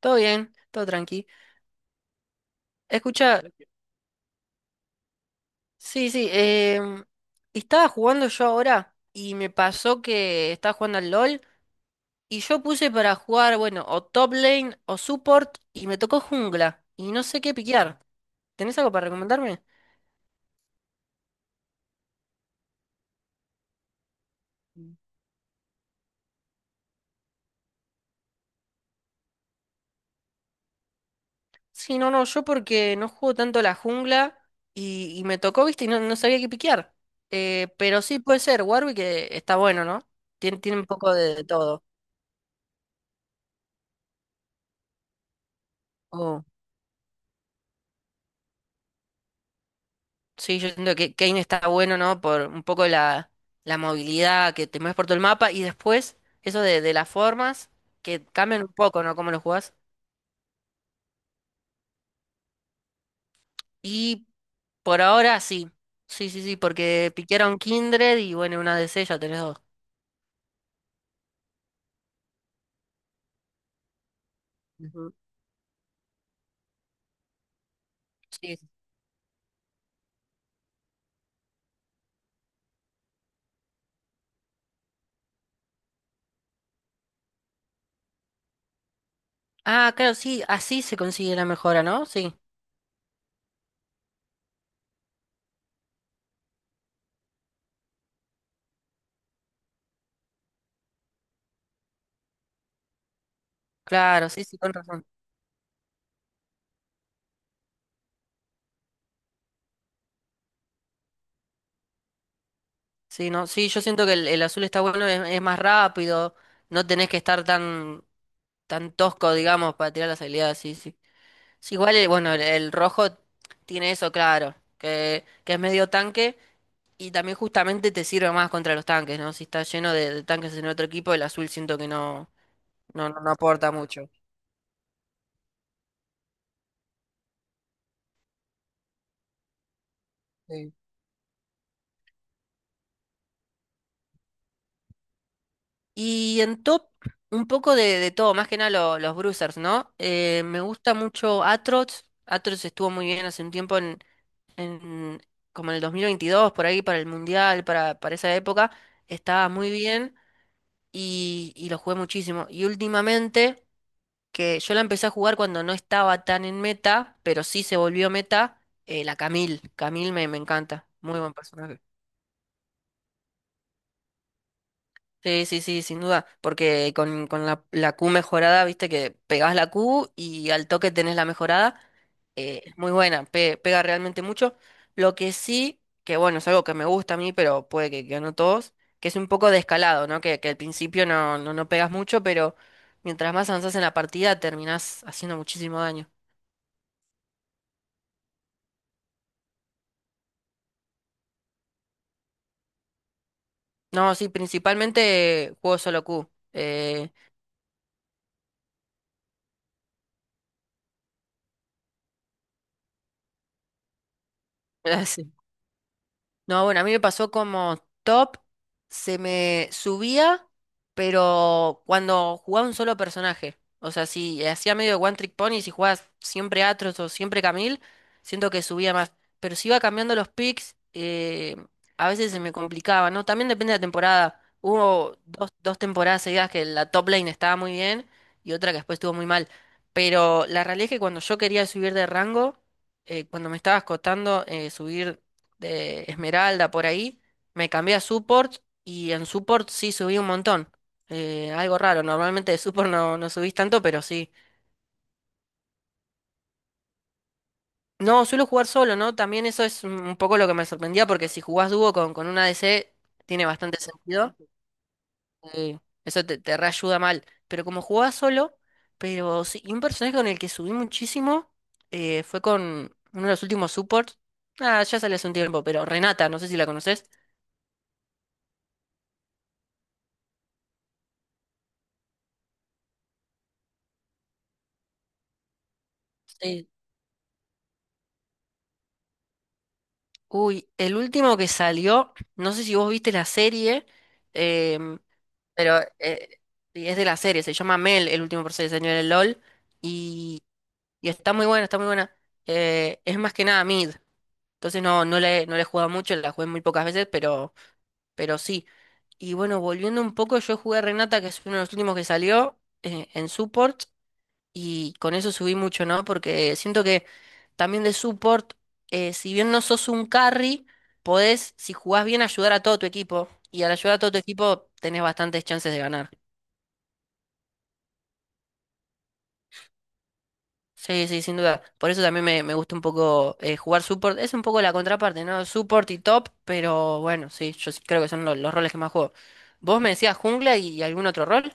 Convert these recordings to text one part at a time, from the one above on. Todo bien, todo tranqui. Escucha, sí, sí, em, estaba jugando yo ahora y me pasó que estaba jugando al LOL y yo puse para jugar, bueno, o top lane o support y me tocó jungla y no sé qué piquear. ¿Tenés algo para recomendarme? Sí, no, no, yo porque no juego tanto la jungla y me tocó, viste, y no, no sabía qué piquear. Pero sí puede ser, Warwick está bueno, ¿no? Tiene un poco de todo. Oh. Sí, yo siento que Kane está bueno, ¿no? Por un poco la movilidad que te mueves por todo el mapa y después eso de las formas que cambian un poco, ¿no? Cómo lo jugás. Y por ahora sí. Sí, sí, sí, porque piquearon Kindred y bueno, una DC ya tenés dos. Ujú. Sí. Ah, claro, sí, así se consigue la mejora, ¿no? Sí, claro, sí, sí, con razón. Sí, no, sí, yo siento que el azul está bueno, es más rápido, no tenés que estar tan, tan tosco, digamos, para tirar las habilidades, sí, sí. Sí, igual, bueno, el rojo tiene eso claro, que es medio tanque y también justamente te sirve más contra los tanques, ¿no? Si está lleno de tanques en otro equipo, el azul siento que no, no, no, no aporta mucho. Sí. Y en top, un poco de todo, más que nada los bruisers, ¿no? Me gusta mucho Atrox. Atrox estuvo muy bien hace un tiempo en como en el 2022, por ahí, para el Mundial, para esa época. Estaba muy bien y lo jugué muchísimo. Y últimamente... que yo la empecé a jugar cuando no estaba tan en meta, pero sí se volvió meta, la Camille. Camille me encanta, muy buen personaje. Sí, sí, sí, sin duda, porque con la Q mejorada, viste que pegás la Q y al toque tenés la mejorada, es muy buena, pega realmente mucho. Lo que sí, que bueno, es algo que me gusta a mí, pero puede que no todos, que es un poco de escalado, ¿no? Que al principio no, no, no pegas mucho, pero mientras más avanzas en la partida terminás haciendo muchísimo daño. No, sí, principalmente juego solo Q. Las- No, bueno, a mí me pasó como top, se me subía, pero cuando jugaba un solo personaje. O sea, si hacía medio One Trick Pony, si jugabas siempre Atros o siempre Camille, siento que subía más. Pero si iba cambiando los picks, a veces se me complicaba, ¿no? También depende de la temporada. Hubo dos, dos temporadas seguidas que la top lane estaba muy bien y otra que después estuvo muy mal. Pero la realidad es que cuando yo quería subir de rango, cuando me estaba escotando, subir de Esmeralda por ahí, me cambié a support y en support sí subí un montón. Algo raro, normalmente de support no, no subís tanto, pero sí. No, suelo jugar solo, ¿no? También eso es un poco lo que me sorprendía porque si jugás dúo con un ADC tiene bastante sentido. eh, Eso te, te reayuda mal. Pero como jugaba solo, pero sí, y un personaje con el que subí muchísimo fue con uno de los últimos supports. Ah, ya sale hace un tiempo, pero Renata, no sé si la conoces. Uy, el último que salió, no sé si vos viste la serie, em, pero sí, es de la serie, se llama Mel, el último proceso de señor del LOL, y, y está muy buena, está muy buena. Es más que nada mid, entonces no, no le, no le he jugado mucho, la jugué muy pocas veces, pero sí. Y bueno, volviendo un poco, yo jugué a Renata, que es uno de los últimos que salió en support y con eso subí mucho, ¿no? Porque siento que también de support, si bien no sos un carry, podés, si jugás bien, ayudar a todo tu equipo. Y al ayudar a todo tu equipo, tenés bastantes chances de ganar. Sí, sí, sin duda. Por eso también me gusta un poco jugar support. Es un poco la contraparte, ¿no? Support y top, pero bueno, sí, yo sí creo que son los roles que más juego. ¿Vos me decías jungla y algún otro rol?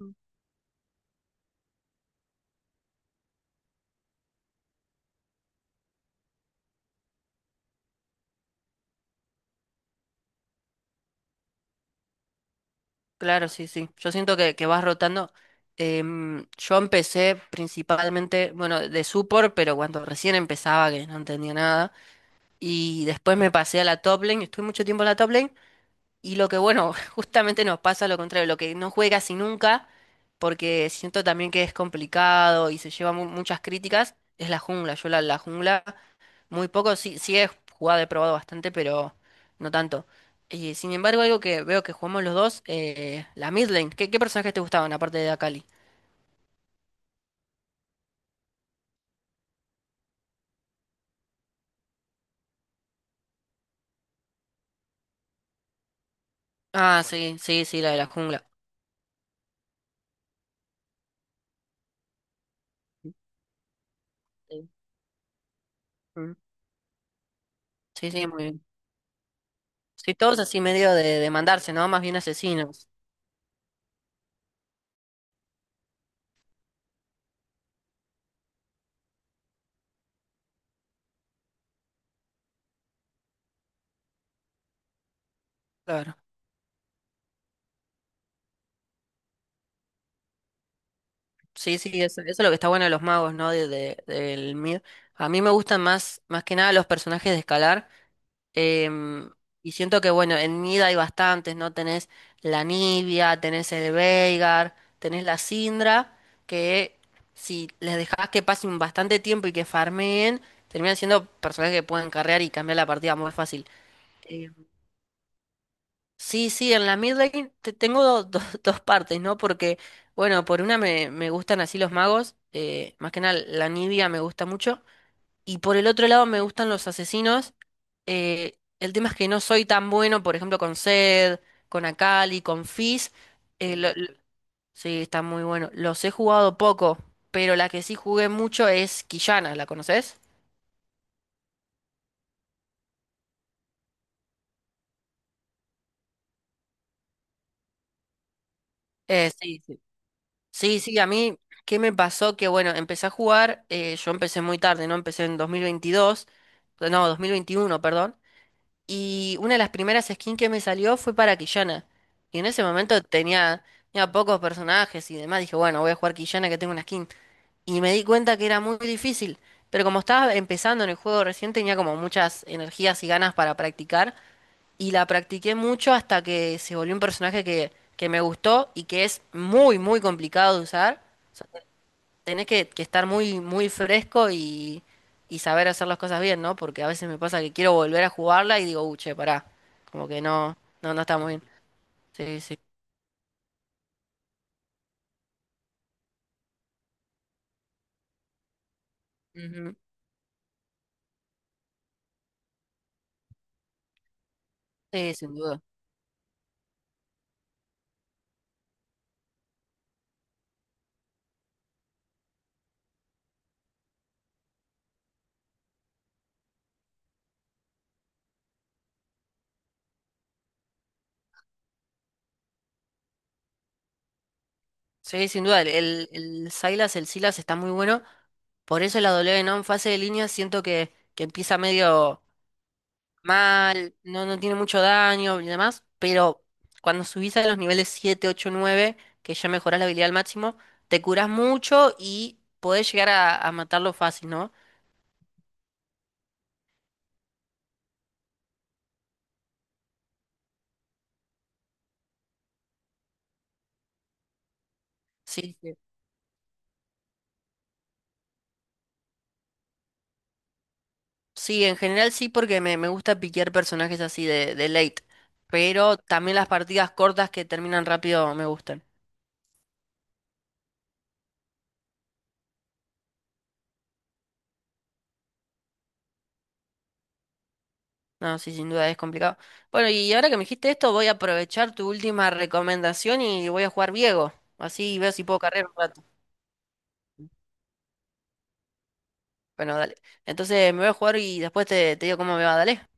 Mm. Claro, sí, sí. Yo siento que vas rotando. Yo empecé principalmente, bueno, de support, pero cuando recién empezaba, que no entendía nada. Y después me pasé a la top lane, estuve mucho tiempo en la top lane. Y lo que, bueno, justamente nos pasa lo contrario, lo que no juega casi nunca, porque siento también que es complicado y se lleva muchas críticas, es la jungla. Yo la jungla. Muy poco, sí, sí he jugado, he probado bastante, pero no tanto. Y sin embargo, algo que veo que jugamos los dos, la mid lane. ¿Qué, qué personajes te gustaban aparte de Akali? Ah, sí, sí, sí, la de la jungla. Sí, Mm. sí, sí, muy bien. Sí, todos así medio de mandarse, ¿no? Más bien asesinos. Claro. Sí, sí, eso es lo que está bueno de los magos, ¿no? Del mid. A mí me gustan más, más que nada los personajes de escalar. Em, y siento que, bueno, en Nida hay bastantes, ¿no? Tenés la Nibia, tenés el Veigar, tenés la Syndra, que si les dejás que pasen bastante tiempo y que farmeen, terminan siendo personajes que pueden carrear y cambiar la partida muy fácil. Em, sí, sí, en la mid lane tengo dos partes, ¿no? Porque, bueno, por una me gustan así los magos, más que nada la Nibia me gusta mucho. Y por el otro lado me gustan los asesinos. El tema es que no soy tan bueno, por ejemplo, con Zed, con Akali, con Fizz. eh, lo- lo- sí, está muy bueno. Los he jugado poco, pero la que sí jugué mucho es Quillana, ¿la conoces? Sí, sí. Sí, sí, a mí, ¿qué me pasó? Que bueno, empecé a jugar, yo empecé muy tarde, ¿no? Empecé en 2022 no, 2021 perdón. Y una de las primeras skins que me salió fue para Quillana. Y en ese momento tenía, tenía pocos personajes y demás. Dije, bueno, voy a jugar Quillana que tengo una skin. Y me di cuenta que era muy difícil. Pero como estaba empezando en el juego recién, tenía como muchas energías y ganas para practicar. Y la practiqué mucho hasta que se volvió un personaje que me gustó y que es muy, muy complicado de usar tenés que estar muy, muy fresco y saber hacer las cosas bien, ¿no? Porque a veces me pasa que quiero volver a jugarla y digo, uche, pará. Como que no, no, no está muy bien. Sí, sí. Ujú. Sí, sin duda. Sí, sin duda. El Silas, el Silas está muy bueno. Por eso la W, ¿no? En fase de línea siento que empieza medio. Mal, no, no tiene mucho daño y demás, pero cuando subís a los niveles 7, 8, 9 que ya mejorás la habilidad al máximo, te curás mucho y podés llegar a matarlo fácil, ¿no? Sí, sí. Sí, en general sí, porque me gusta piquear personajes así de late, pero también las partidas cortas que terminan rápido me gustan. No, sí, sin duda es complicado. Bueno, y ahora que me dijiste esto, voy a aprovechar tu última recomendación y voy a jugar Viego. Así veo si puedo cargar un rato. Bueno, dale. Entonces me voy a jugar y después te, te digo cómo me va, dale.